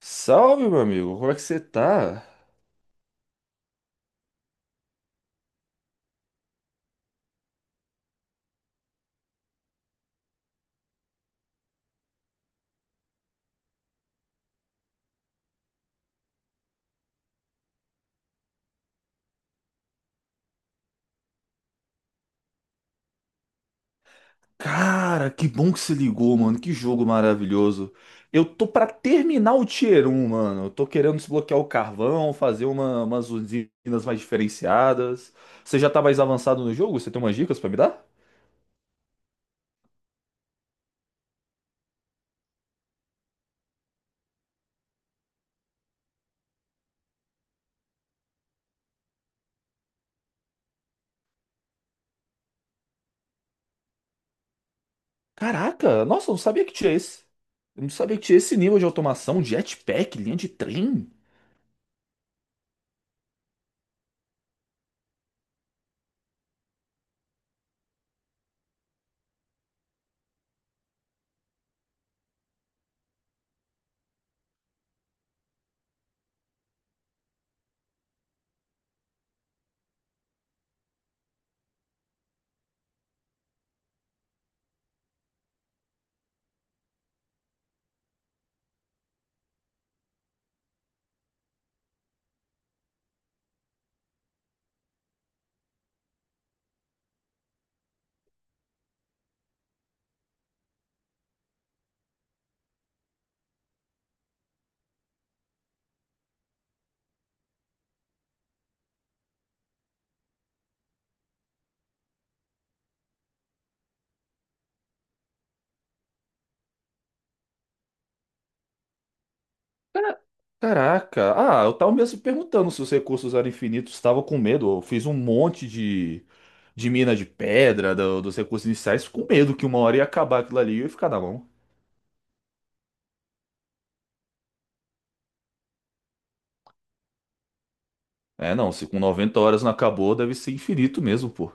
Salve, meu amigo, como é que você tá? Cara, que bom que você ligou, mano. Que jogo maravilhoso. Eu tô pra terminar o Tier 1, mano. Eu tô querendo desbloquear o carvão, fazer umas usinas mais diferenciadas. Você já tá mais avançado no jogo? Você tem umas dicas pra me dar? Caraca, nossa, eu não sabia que tinha esse. Eu não sabia que tinha esse nível de automação, jetpack, linha de trem. Caraca, ah, eu tava mesmo perguntando se os recursos eram infinitos, estava com medo. Eu fiz um monte de mina de pedra, dos recursos iniciais, com medo que uma hora ia acabar aquilo ali e eu ia ficar na mão. É, não, se com 90 horas não acabou, deve ser infinito mesmo, pô.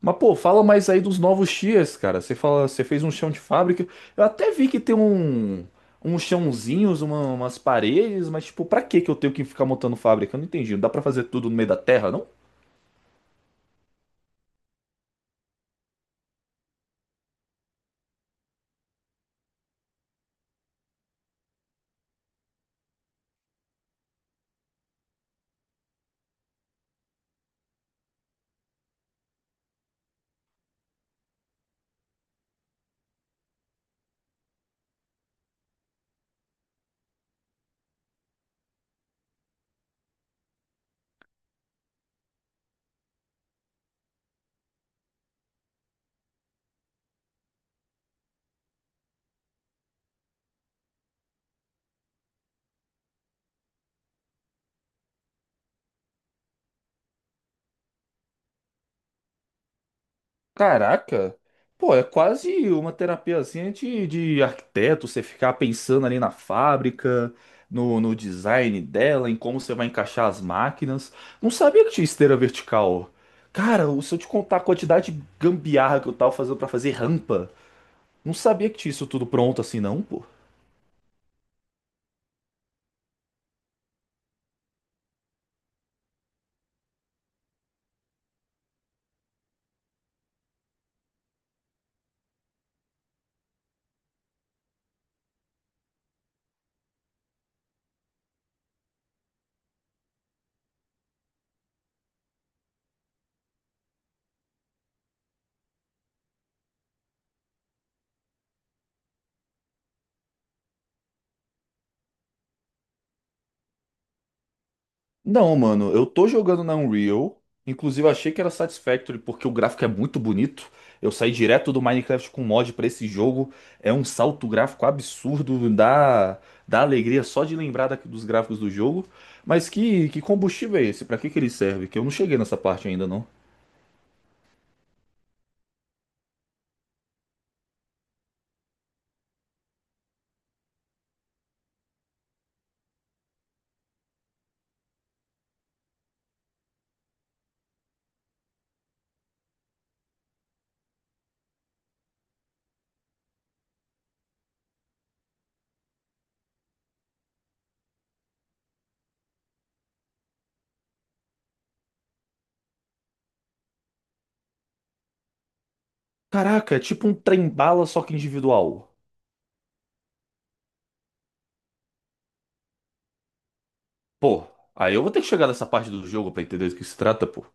Mas, pô, fala mais aí dos novos tiers, cara. Você fala, você fez um chão de fábrica. Eu até vi que tem um, uns chãozinhos, umas paredes, mas, tipo, pra que que eu tenho que ficar montando fábrica? Eu não entendi. Não dá pra fazer tudo no meio da terra, não? Caraca! Pô, é quase uma terapiazinha de arquiteto, você ficar pensando ali na fábrica, no, no design dela, em como você vai encaixar as máquinas. Não sabia que tinha esteira vertical. Cara, se eu te contar a quantidade de gambiarra que eu tava fazendo pra fazer rampa, não sabia que tinha isso tudo pronto assim, não, pô. Não, mano, eu tô jogando na Unreal. Inclusive, eu achei que era Satisfactory porque o gráfico é muito bonito. Eu saí direto do Minecraft com mod pra esse jogo. É um salto gráfico absurdo, dá alegria só de lembrar dos gráficos do jogo. Mas que combustível é esse? Pra que que ele serve? Que eu não cheguei nessa parte ainda, não. Caraca, é tipo um trem-bala, só que individual. Pô, aí eu vou ter que chegar nessa parte do jogo pra entender do que se trata, pô.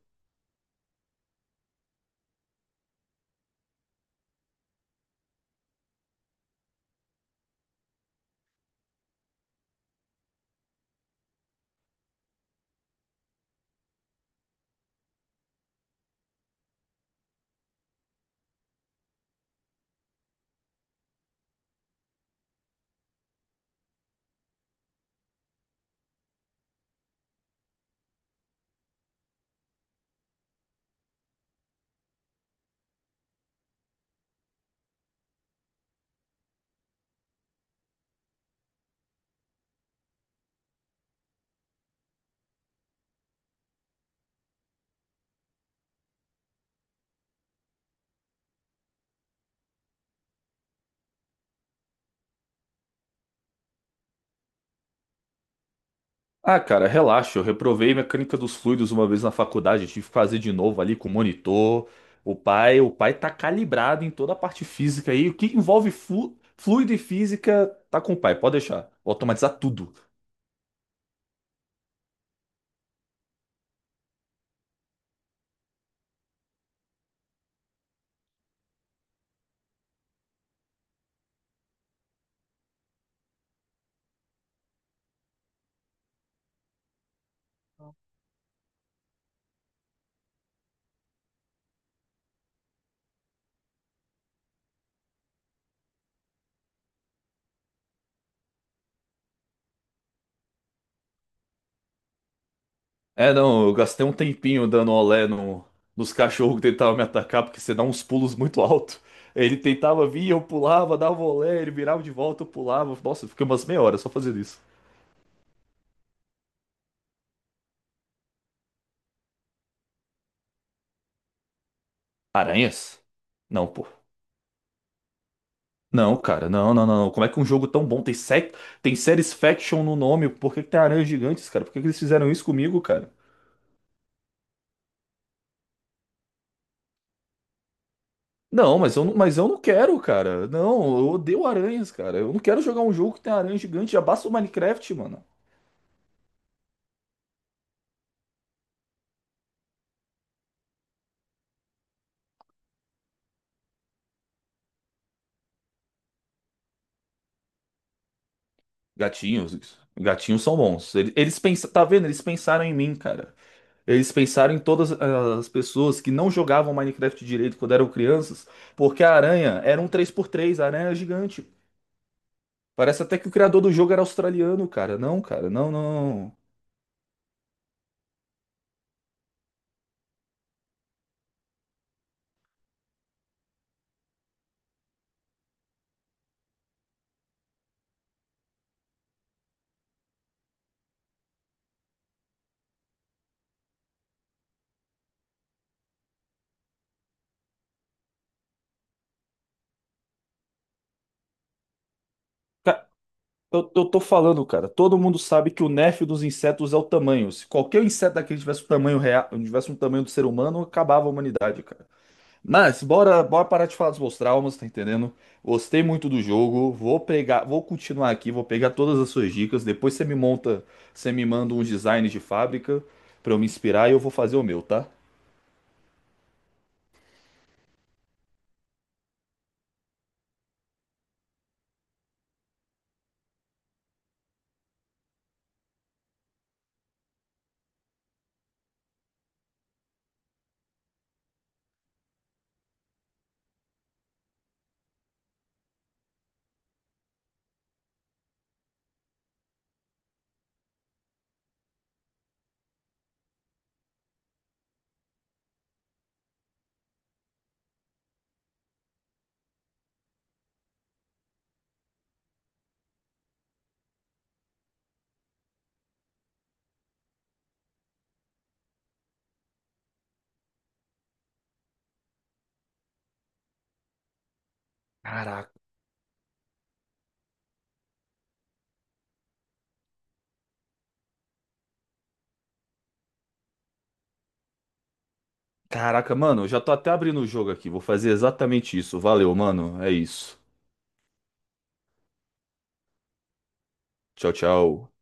Ah, cara, relaxa. Eu reprovei mecânica dos fluidos uma vez na faculdade. Eu tive que fazer de novo ali com o monitor. O pai tá calibrado em toda a parte física aí. O que envolve fluido e física tá com o pai. Pode deixar. Vou automatizar tudo. É, não, eu gastei um tempinho dando olé nos cachorros que tentavam me atacar, porque você dá uns pulos muito alto. Ele tentava vir, eu pulava, dava olé, ele virava de volta, eu pulava. Nossa, eu fiquei umas meia hora só fazendo isso. Aranhas? Não, pô. Não, cara, não, não, não. Como é que um jogo tão bom tem tem séries faction no nome? Por que que tem aranhas gigantes, cara? Por que que eles fizeram isso comigo, cara? Não, mas eu não quero, cara. Não, eu odeio aranhas, cara. Eu não quero jogar um jogo que tem aranha gigante. Já basta o Minecraft, mano. Gatinhos, gatinhos são bons. Eles, pensa- tá vendo? Eles pensaram em mim, cara. Eles pensaram em todas as pessoas que não jogavam Minecraft direito quando eram crianças, porque a aranha era um 3 por 3, a aranha era gigante. Parece até que o criador do jogo era australiano, cara. Não, cara, não, não. Ca- eu tô falando, cara. Todo mundo sabe que o nerf dos insetos é o tamanho. Se qualquer inseto daquele tivesse o tamanho real, tivesse um tamanho do ser humano, acabava a humanidade, cara. Mas bora, bora parar de falar dos meus traumas, tá entendendo? Gostei muito do jogo. Vou pegar, vou continuar aqui, vou pegar todas as suas dicas. Depois você me monta, você me manda um design de fábrica pra eu me inspirar e eu vou fazer o meu, tá? Caraca, Caraca, mano, eu já tô até abrindo o jogo aqui. Vou fazer exatamente isso. Valeu, mano. É isso. Tchau, tchau.